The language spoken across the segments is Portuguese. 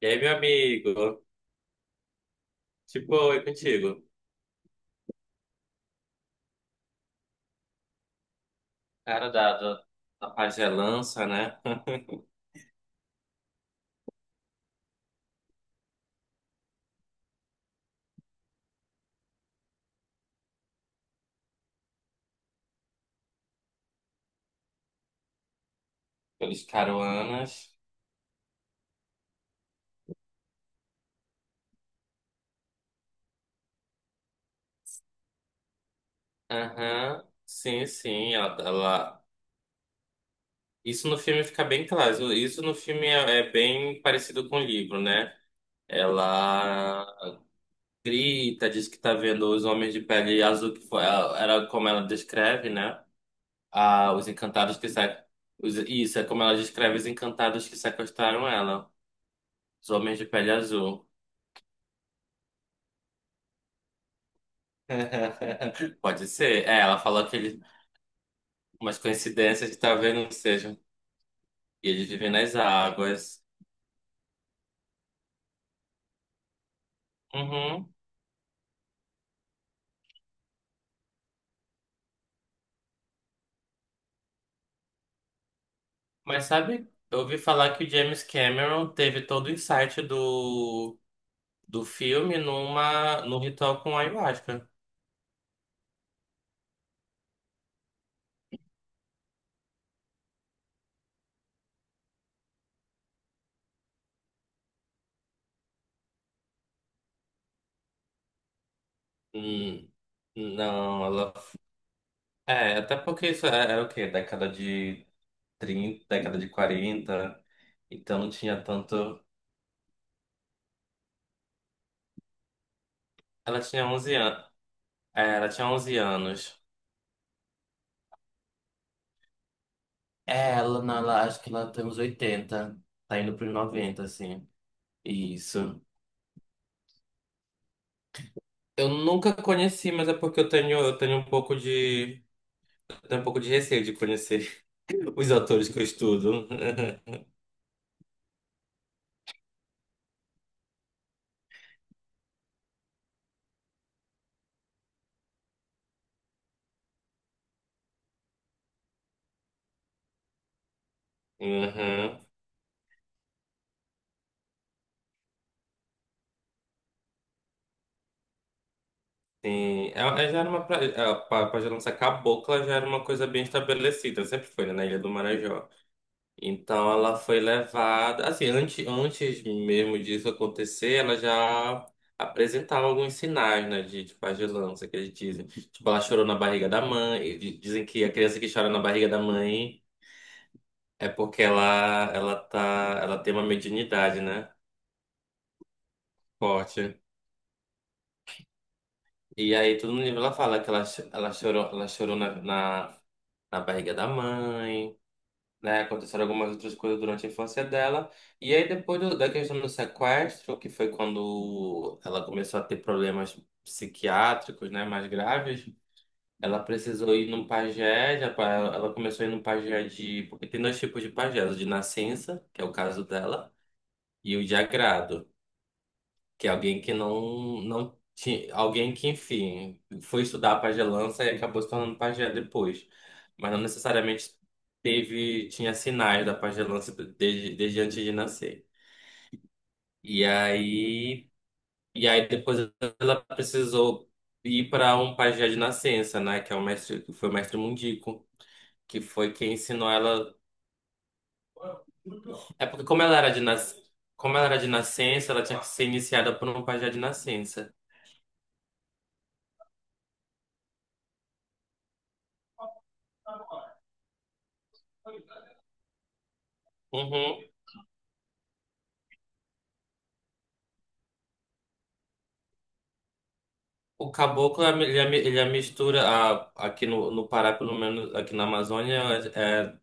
E aí, meu amigo? Oi contigo. Cara da pagelança, né? Pelos caruanas. Aham. Sim, sim. Isso no filme fica bem claro. Isso no filme é bem parecido com o livro, né? Ela grita, diz que tá vendo os homens de pele azul, que era como ela descreve, né? Ah, os encantados que sa... os- Isso, é como ela descreve os encantados que sequestraram ela. Os homens de pele azul. Pode ser. É, ela falou umas coincidências que talvez não sejam. E eles vivem nas águas. Uhum. Mas sabe, eu ouvi falar que o James Cameron teve todo o insight do filme num ritual com ayahuasca. Hum, não, ela. É, até porque era o quê? Década de 30, década de 40. Então não tinha tanto. Ela tinha 11 anos. É, ela tinha 11 anos. É, ela, não, ela, acho que ela tem uns 80, tá indo pros 90 assim. Isso. Eu nunca conheci, mas é porque eu tenho um pouco eu tenho um pouco de receio de conhecer os autores que eu estudo. Uhum, sim. Ela já era uma, pra, ela, pra, já não ser cabocla, já era uma coisa bem estabelecida, sempre foi, né, na Ilha do Marajó. Então ela foi levada, assim, antes mesmo disso acontecer, ela já apresentava alguns sinais, né, de pagelância, que eles dizem. Tipo, ela chorou na barriga da mãe, e dizem que a criança que chora na barriga da mãe é porque ela tá, ela tem uma mediunidade, né, forte. E aí tudo no livro ela fala que ela chorou na barriga da mãe, né? Aconteceram algumas outras coisas durante a infância dela. E aí, depois da questão do sequestro, que foi quando ela começou a ter problemas psiquiátricos, né, mais graves, ela precisou ir num pajé, ela começou a ir num pajé de... Porque tem dois tipos de pajé, o de nascença, que é o caso dela, e o de agrado. Que é alguém que não, não tinha. Alguém que, enfim, foi estudar pagelança e acabou se tornando pajé depois. Mas não necessariamente tinha sinais da pagelança desde antes de nascer. E aí, e aí depois ela precisou ir para um pajé de nascença, né? Que é o mestre, que foi o mestre Mundico, que foi quem ensinou ela. É porque como ela era de nascença, ela tinha que ser iniciada por um pajé de nascença. Uhum. O caboclo, é ele é a mistura, aqui no Pará, pelo menos aqui na Amazônia, é,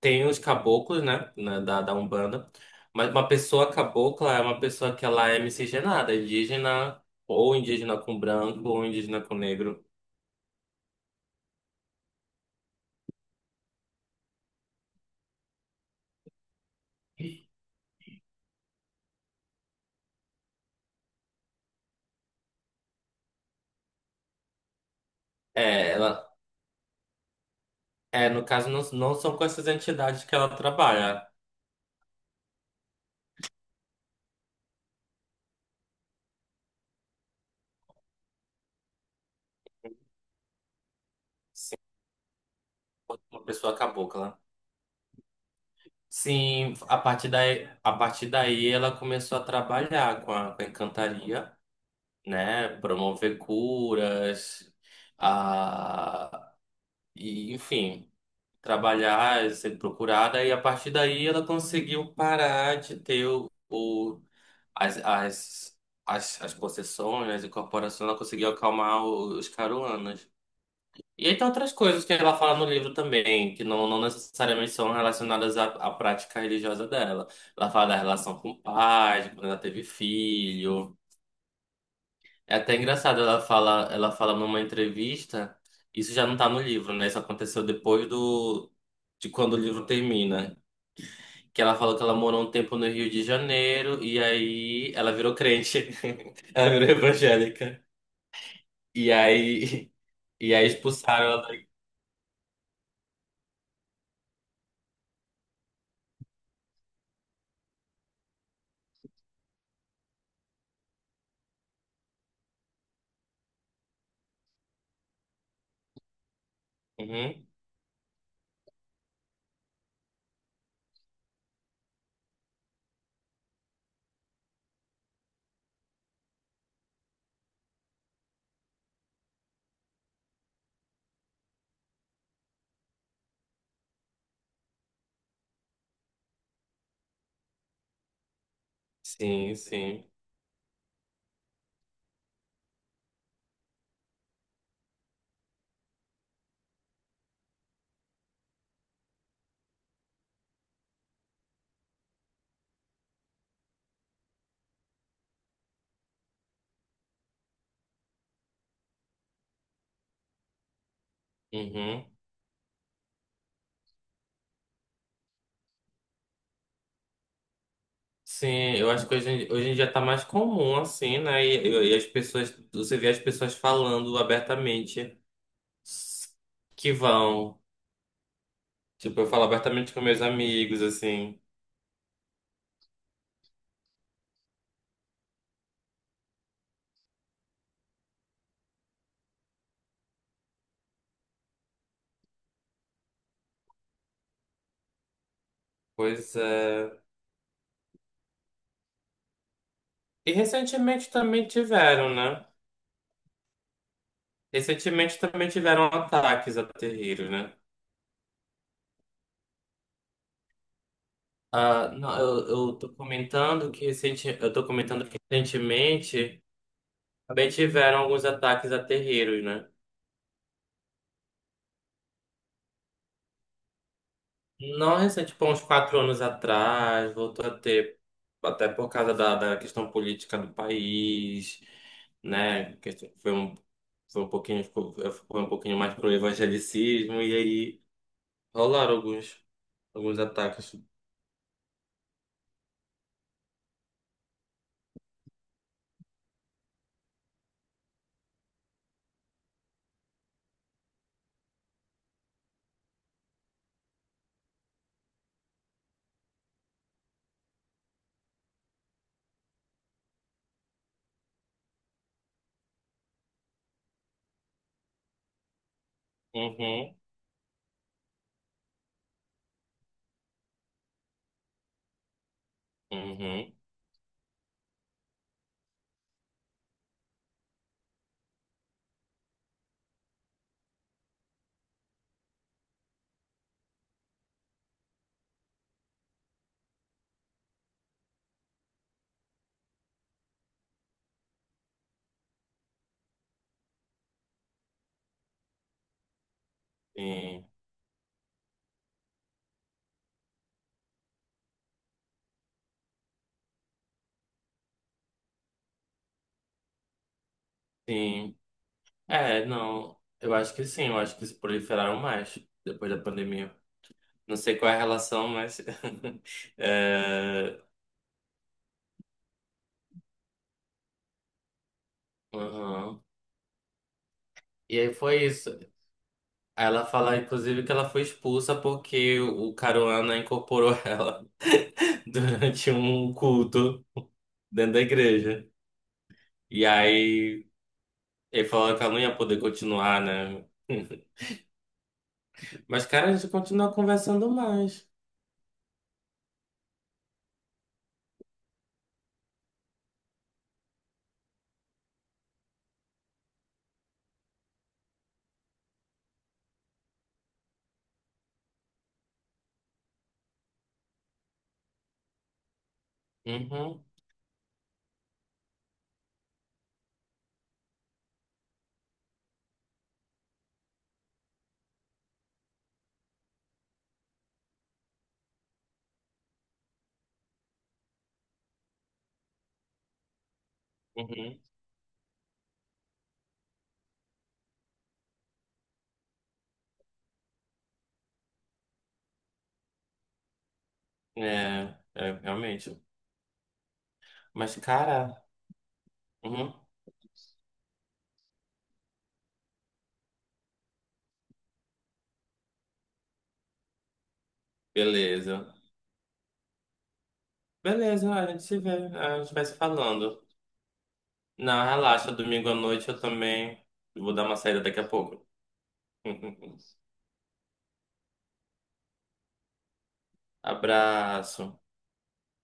tem os caboclos, né, da Umbanda, mas uma pessoa cabocla é uma pessoa que ela é miscigenada, é indígena, ou indígena com branco, ou indígena com negro. É, ela, no caso, não, não são com essas entidades que ela trabalha, sim, uma pessoa cabocla. Sim, a partir daí ela começou a trabalhar com a encantaria, né? Promover curas, a, enfim, trabalhar, ser procurada, e a partir daí ela conseguiu parar de ter as, as, as possessões, as incorporações, ela conseguiu acalmar os caruanas. E aí tem outras coisas que ela fala no livro também, que não, não necessariamente são relacionadas à prática religiosa dela. Ela fala da relação com o pai, de quando ela teve filho. É até engraçado, ela fala numa entrevista, isso já não tá no livro, né? Isso aconteceu depois do de quando o livro termina, que ela falou que ela morou um tempo no Rio de Janeiro e aí ela virou crente. Ela virou evangélica. E aí e aí expulsaram ela daqui. Uhum. Sim, sim. Uhum. Sim, eu acho que hoje em dia tá mais comum assim, né? E as pessoas, você vê as pessoas falando abertamente que vão. Tipo, eu falo abertamente com meus amigos, assim. Pois é. E recentemente também tiveram, né? Recentemente também tiveram ataques a terreiros, né? Ah, não, eu tô comentando que recente, eu tô comentando que recentemente também tiveram alguns ataques a terreiros, né? Não recente, tipo, há uns 4 anos atrás, voltou a ter, até por causa da questão política do país, né? Que Foi um, foi um pouquinho mais pro evangelicismo, e aí rolaram alguns ataques. Uhum, uhum, sim, sim. É, não, eu acho que sim, eu acho que se proliferaram mais depois da pandemia. Não sei qual é a relação, mas. é, uhum. E aí foi isso. Ela fala, inclusive, que ela foi expulsa porque o Caruana incorporou ela durante um culto dentro da igreja. E aí ele falou que ela não ia poder continuar, né? Mas, cara, a gente continua conversando mais. Uhum, uhum. É, é, realmente. Mas, cara, uhum. Beleza. Beleza, a gente se vê, a gente vai se falando. Não, relaxa, domingo à noite eu também vou dar uma saída daqui a pouco. Abraço.